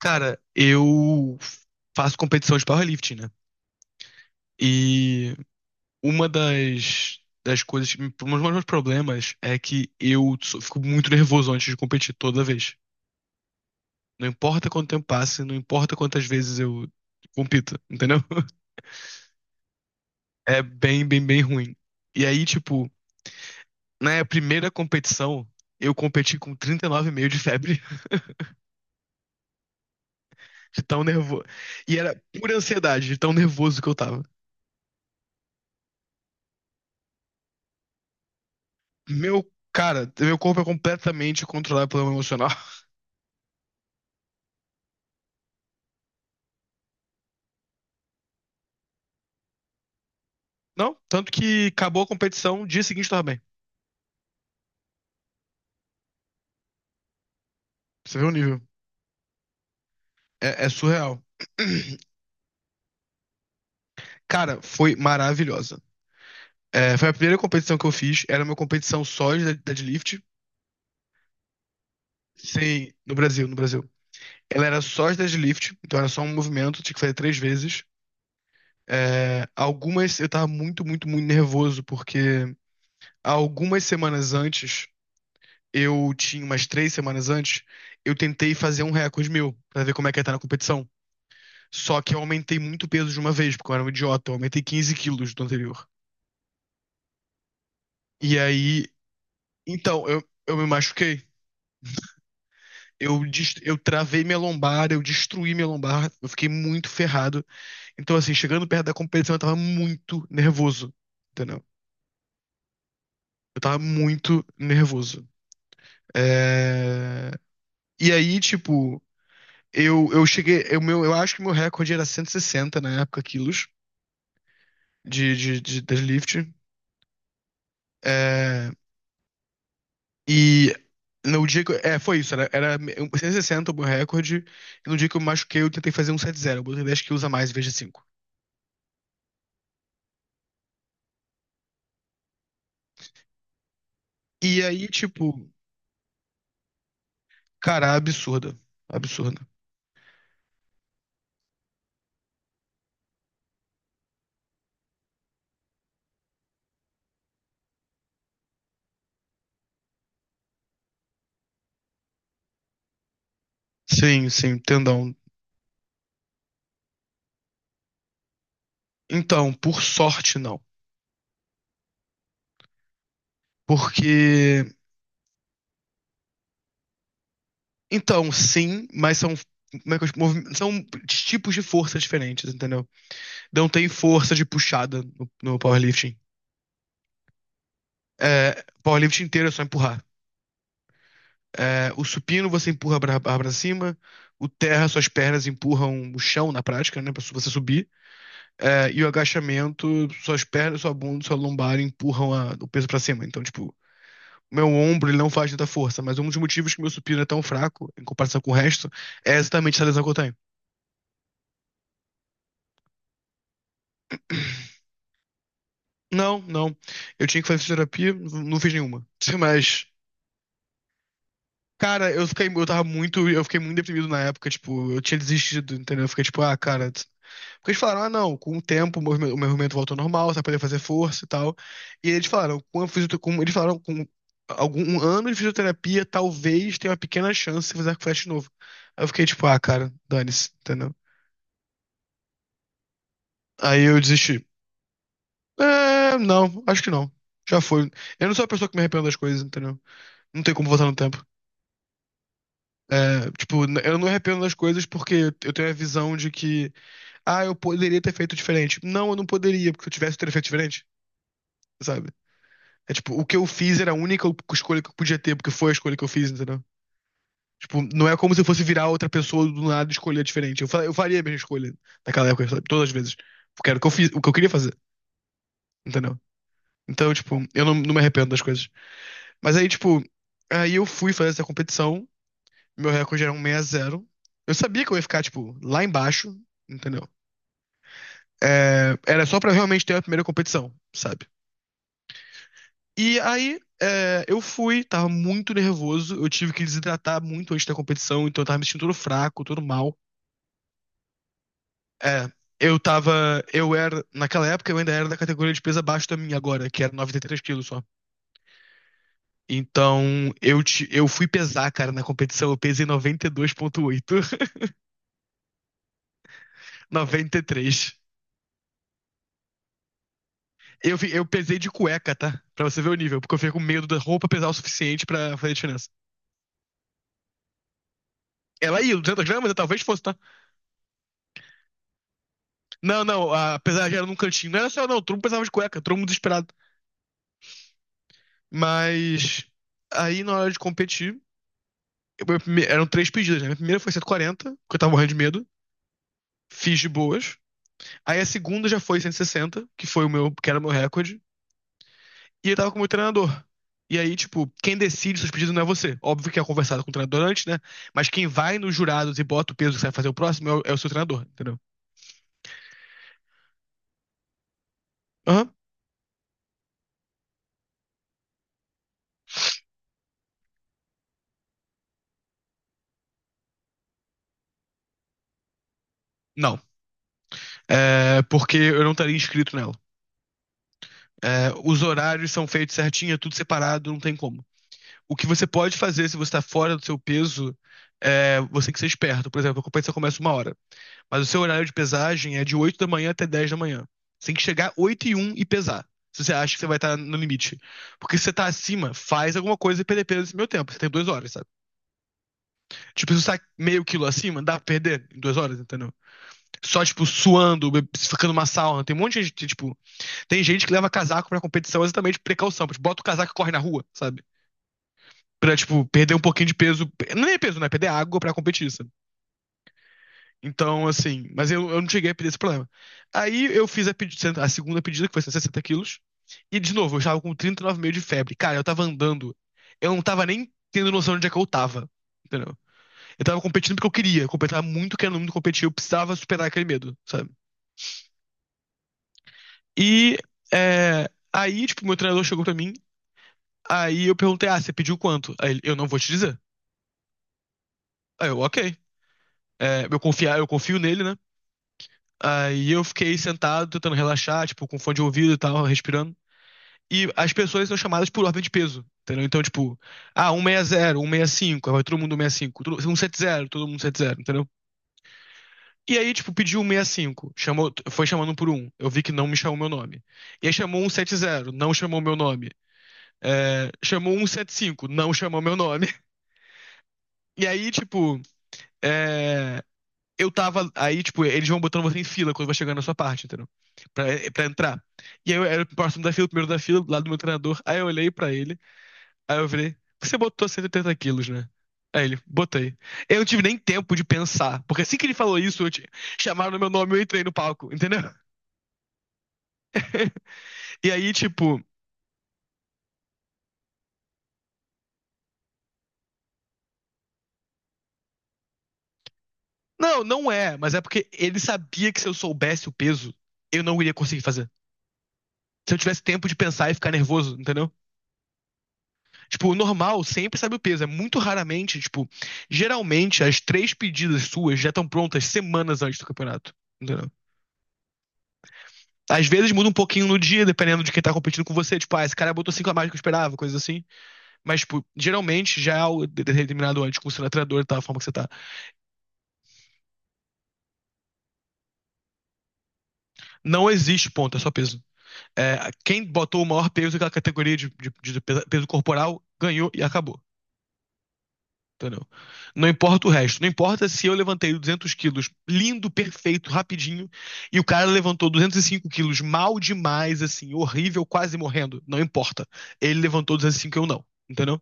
Cara, eu faço competição de powerlifting, né? E uma das coisas, um dos meus problemas é que fico muito nervoso antes de competir toda vez. Não importa quanto tempo passe, não importa quantas vezes eu compito, entendeu? É bem, bem, bem ruim. E aí, tipo, na primeira competição, eu competi com 39,5 de febre, de tão nervoso. E era pura ansiedade, de tão nervoso que eu tava. Meu, cara, meu corpo é completamente controlado pelo emocional. Não, tanto que acabou a competição, dia seguinte tava bem. Você vê o nível. É surreal. Cara, foi maravilhosa. É, foi a primeira competição que eu fiz. Era uma competição só de deadlift. Sim, no Brasil, no Brasil. Ela era só de deadlift, então era só um movimento, tinha que fazer três vezes. É, algumas eu tava muito, muito, muito nervoso, porque algumas semanas antes eu tinha umas 3 semanas antes, eu tentei fazer um recorde meu, pra ver como é que ia estar na competição. Só que eu aumentei muito o peso de uma vez, porque eu era um idiota, eu aumentei 15 quilos do anterior. E aí, então, eu me machuquei. Eu travei minha lombar, eu destruí minha lombar, eu fiquei muito ferrado. Então, assim, chegando perto da competição, eu tava muito nervoso, entendeu? Eu tava muito nervoso. É... E aí, tipo, eu cheguei, eu acho que meu recorde era 160 na época, quilos. De deadlift. É, e no dia que. É, foi isso. Era 160 o meu recorde. E no dia que eu me machuquei, eu tentei fazer um 170. Eu botei 10 quilos a mais em vez de 5. E aí, tipo, cara, absurda. Absurda. Sim, sim, tendão. Então, por sorte, não. Porque. Então, sim, mas são. Como é que eu, movi- São tipos de força diferentes, entendeu? Não tem força de puxada no powerlifting. É, powerlifting inteiro é só empurrar. É, o supino você empurra a barra para cima. O terra, suas pernas empurram o chão na prática, né? Pra você subir. É, e o agachamento, suas pernas, sua bunda, sua lombar o peso pra cima. Então, tipo, o meu ombro ele não faz tanta força, mas um dos motivos que meu supino é tão fraco em comparação com o resto é exatamente essa lesão que eu tenho. Não, não. Eu tinha que fazer fisioterapia, não fiz nenhuma. Mas, cara, eu fiquei, eu tava muito, eu fiquei muito deprimido na época, tipo, eu tinha desistido, entendeu? Eu fiquei tipo, ah, cara. Porque eles falaram, ah, não, com o tempo o meu movimento voltou ao normal, você vai poder fazer força e tal. E eles falaram, com a fisio- com- eles falaram, com algum um ano de fisioterapia, talvez tenha uma pequena chance de fazer arco e flecha de novo. Aí eu fiquei tipo, ah, cara, dane-se, entendeu? Aí eu desisti. É, não, acho que não. Já foi. Eu não sou a pessoa que me arrependo das coisas, entendeu? Não tem como voltar no tempo. É, tipo, eu não me arrependo das coisas porque eu tenho a visão de que, ah, eu poderia ter feito diferente. Não, eu não poderia, porque se eu tivesse, eu teria feito diferente, sabe? É tipo, o que eu fiz era a única escolha que eu podia ter, porque foi a escolha que eu fiz, entendeu? Tipo, não é como se eu fosse virar outra pessoa do nada e escolher diferente. Eu faria a mesma escolha naquela época, sabe? Todas as vezes. Porque era o que eu fiz, o que eu queria fazer, entendeu? Então, tipo, eu não me arrependo das coisas. Mas aí, tipo, aí eu fui fazer essa competição, meu recorde era um seis a zero. Eu sabia que eu ia ficar, tipo, lá embaixo, entendeu? É, era só pra realmente ter a primeira competição, sabe? E aí, é, eu fui, tava muito nervoso, eu tive que desidratar muito antes da competição, então eu tava me sentindo todo fraco, todo mal. É, eu tava, eu era, naquela época eu ainda era da categoria de peso abaixo da minha agora, que era 93 quilos só. Então, eu fui pesar, cara, na competição, eu pesei 92,8, 93. Eu pesei de cueca, tá? Pra você ver o nível, porque eu fiquei com medo da roupa pesar o suficiente pra fazer diferença. Ela ia, 200 gramas, eu talvez fosse, tá? Não, não, apesar de era num cantinho. Não era só, não, todo mundo precisava de cueca, todo mundo desesperado. Mas aí na hora de competir, eram três pedidas, né? Minha primeira foi 140, porque eu tava morrendo de medo, fiz de boas. Aí a segunda já foi 160, que foi o meu, que era o meu recorde, e eu tava com o meu treinador. E aí, tipo, quem decide seus pedidos não é você. Óbvio que é conversado com o treinador antes, né? Mas quem vai nos jurados e bota o peso que você vai fazer o próximo é o, é o seu treinador, entendeu? Aham. Não. É porque eu não estaria inscrito nela. É, os horários são feitos certinho, é tudo separado, não tem como. O que você pode fazer se você está fora do seu peso, é, você tem que ser esperto. Por exemplo, a competição começa uma hora, mas o seu horário de pesagem é de 8 da manhã até 10 da manhã. Você tem que chegar 8 e um e pesar, se você acha que você vai estar no limite. Porque se você está acima, faz alguma coisa e perder peso nesse meio tempo. Você tem 2 horas, sabe? Tipo, se você está meio quilo acima, dá pra perder em 2 horas, entendeu? Só, tipo, suando, ficando uma sauna. Tem um monte de gente, tipo, tem gente que leva casaco pra competição exatamente por precaução. Tipo, bota o casaco e corre na rua, sabe? Pra, tipo, perder um pouquinho de peso. Não é peso, né? Perder água pra competir, sabe? Então, assim. Mas eu não cheguei a pedir esse problema. Aí eu a segunda pedida, que foi 60 quilos. E, de novo, eu estava com 39,5 de febre. Cara, eu tava andando. Eu não tava nem tendo noção de onde é que eu tava. Entendeu? Eu tava competindo porque eu queria. Eu tava muito querendo muito competir. Eu precisava superar aquele medo, sabe? E. Aí, tipo, meu treinador chegou pra mim. Aí eu perguntei, ah, você pediu quanto? Aí ele, eu não vou te dizer. Aí eu, ok. É, eu confio nele, né? Aí eu fiquei sentado, tentando relaxar, tipo, com fone de ouvido e tal, respirando. E as pessoas são chamadas por ordem de peso, entendeu? Então, tipo, ah, 160, 165, aí vai todo mundo 165, 170, todo mundo 170, entendeu? E aí, tipo, pediu 165, chamou, foi chamando um por um, eu vi que não me chamou meu nome. E aí chamou 170, não chamou meu nome. É, chamou 175, não chamou meu nome. E aí, tipo, é, eu tava. Aí, tipo, eles vão botando você em fila quando vai chegando na sua parte, entendeu? Pra, pra entrar. E aí eu era o próximo da fila, o primeiro da fila, lá do meu treinador. Aí eu olhei pra ele, aí eu falei, você botou 180 quilos, né? Aí ele, botei. Eu não tive nem tempo de pensar, porque assim que ele falou isso, eu te... chamaram meu nome e eu entrei no palco, entendeu? E aí, tipo, não, não é, mas é porque ele sabia que se eu soubesse o peso, eu não iria conseguir fazer. Se eu tivesse tempo de pensar e ficar nervoso, entendeu? Tipo, o normal sempre sabe o peso. É muito raramente, tipo, geralmente as três pedidas suas já estão prontas semanas antes do campeonato. Entendeu? Às vezes muda um pouquinho no dia, dependendo de quem tá competindo com você. Tipo, ah, esse cara botou cinco a mais do que eu esperava, coisa assim. Mas, tipo, geralmente já é algo determinado antes, com o seu treinador e tal, a forma que você tá. Não existe ponto, é só peso. É, quem botou o maior peso naquela categoria de, de peso corporal ganhou e acabou. Entendeu? Não importa o resto. Não importa se eu levantei 200 quilos lindo, perfeito, rapidinho, e o cara levantou 205 quilos mal demais, assim, horrível, quase morrendo. Não importa. Ele levantou 205 e cinco e eu não. Entendeu?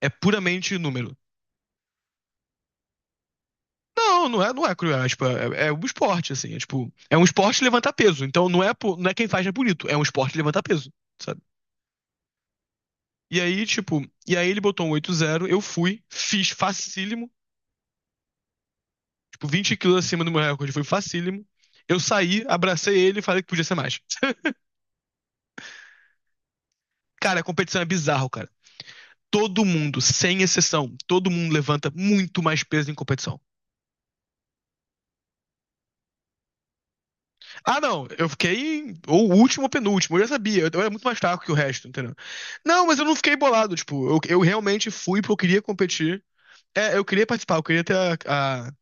É puramente número. Não, não é, não é cruel. É, tipo, é, é um esporte, assim. É, tipo, é um esporte levantar peso. Então não é, não é quem faz é bonito. É um esporte levantar peso, sabe? E aí, tipo, e aí ele botou um 8-0, eu fui, fiz facílimo. Tipo, 20 quilos acima do meu recorde. Foi facílimo. Eu saí, abracei ele e falei que podia ser mais. Cara, a competição é bizarro, cara. Todo mundo, sem exceção, todo mundo levanta muito mais peso em competição. Ah, não, eu fiquei ou último ou penúltimo, eu já sabia, eu era muito mais fraco que o resto, entendeu? Não, mas eu não fiquei bolado, tipo, eu realmente fui porque eu queria competir. É, eu queria participar, eu queria ter a, a,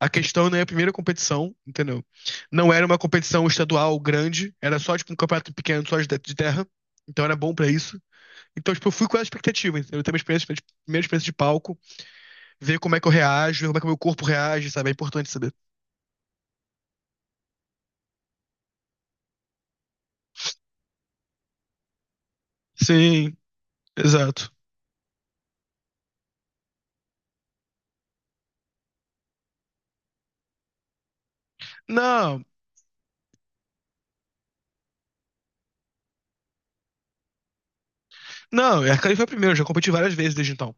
a questão né minha primeira competição, entendeu? Não era uma competição estadual grande, era só tipo um campeonato pequeno, só de terra, então era bom pra isso. Então, tipo, eu fui com essa expectativa, entendeu? Eu tenho uma experiência, tipo, primeira experiência de palco, ver como é que eu reajo, ver como é que o meu corpo reage, sabe? É importante saber. Sim, exato. Não, não, a Cali foi a primeira, eu já competi várias vezes desde então.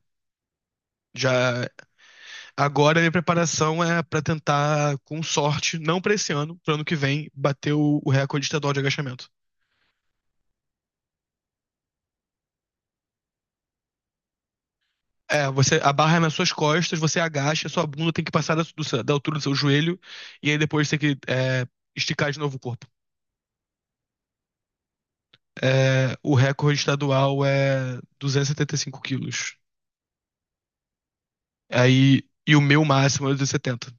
Já agora a minha preparação é pra tentar, com sorte, não pra esse ano, pro ano que vem, bater o recorde estadual de agachamento. É, você a barra é nas suas costas, você agacha, sua bunda tem que passar da altura do seu joelho, e aí depois tem que esticar de novo o corpo. É, o recorde estadual é 275 quilos. Aí, e o meu máximo é 270.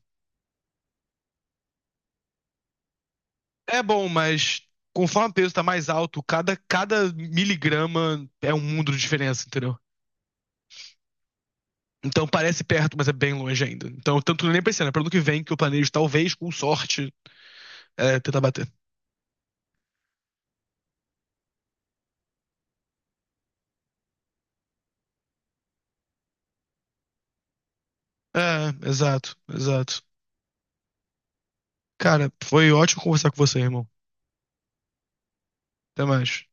É bom, mas conforme o peso tá mais alto, cada miligrama é um mundo de diferença, entendeu? Então parece perto, mas é bem longe ainda. Então, tanto nem pensando, é para ano que vem que eu planejo, talvez, com sorte, é, tentar bater. É, exato, exato. Cara, foi ótimo conversar com você, irmão. Até mais.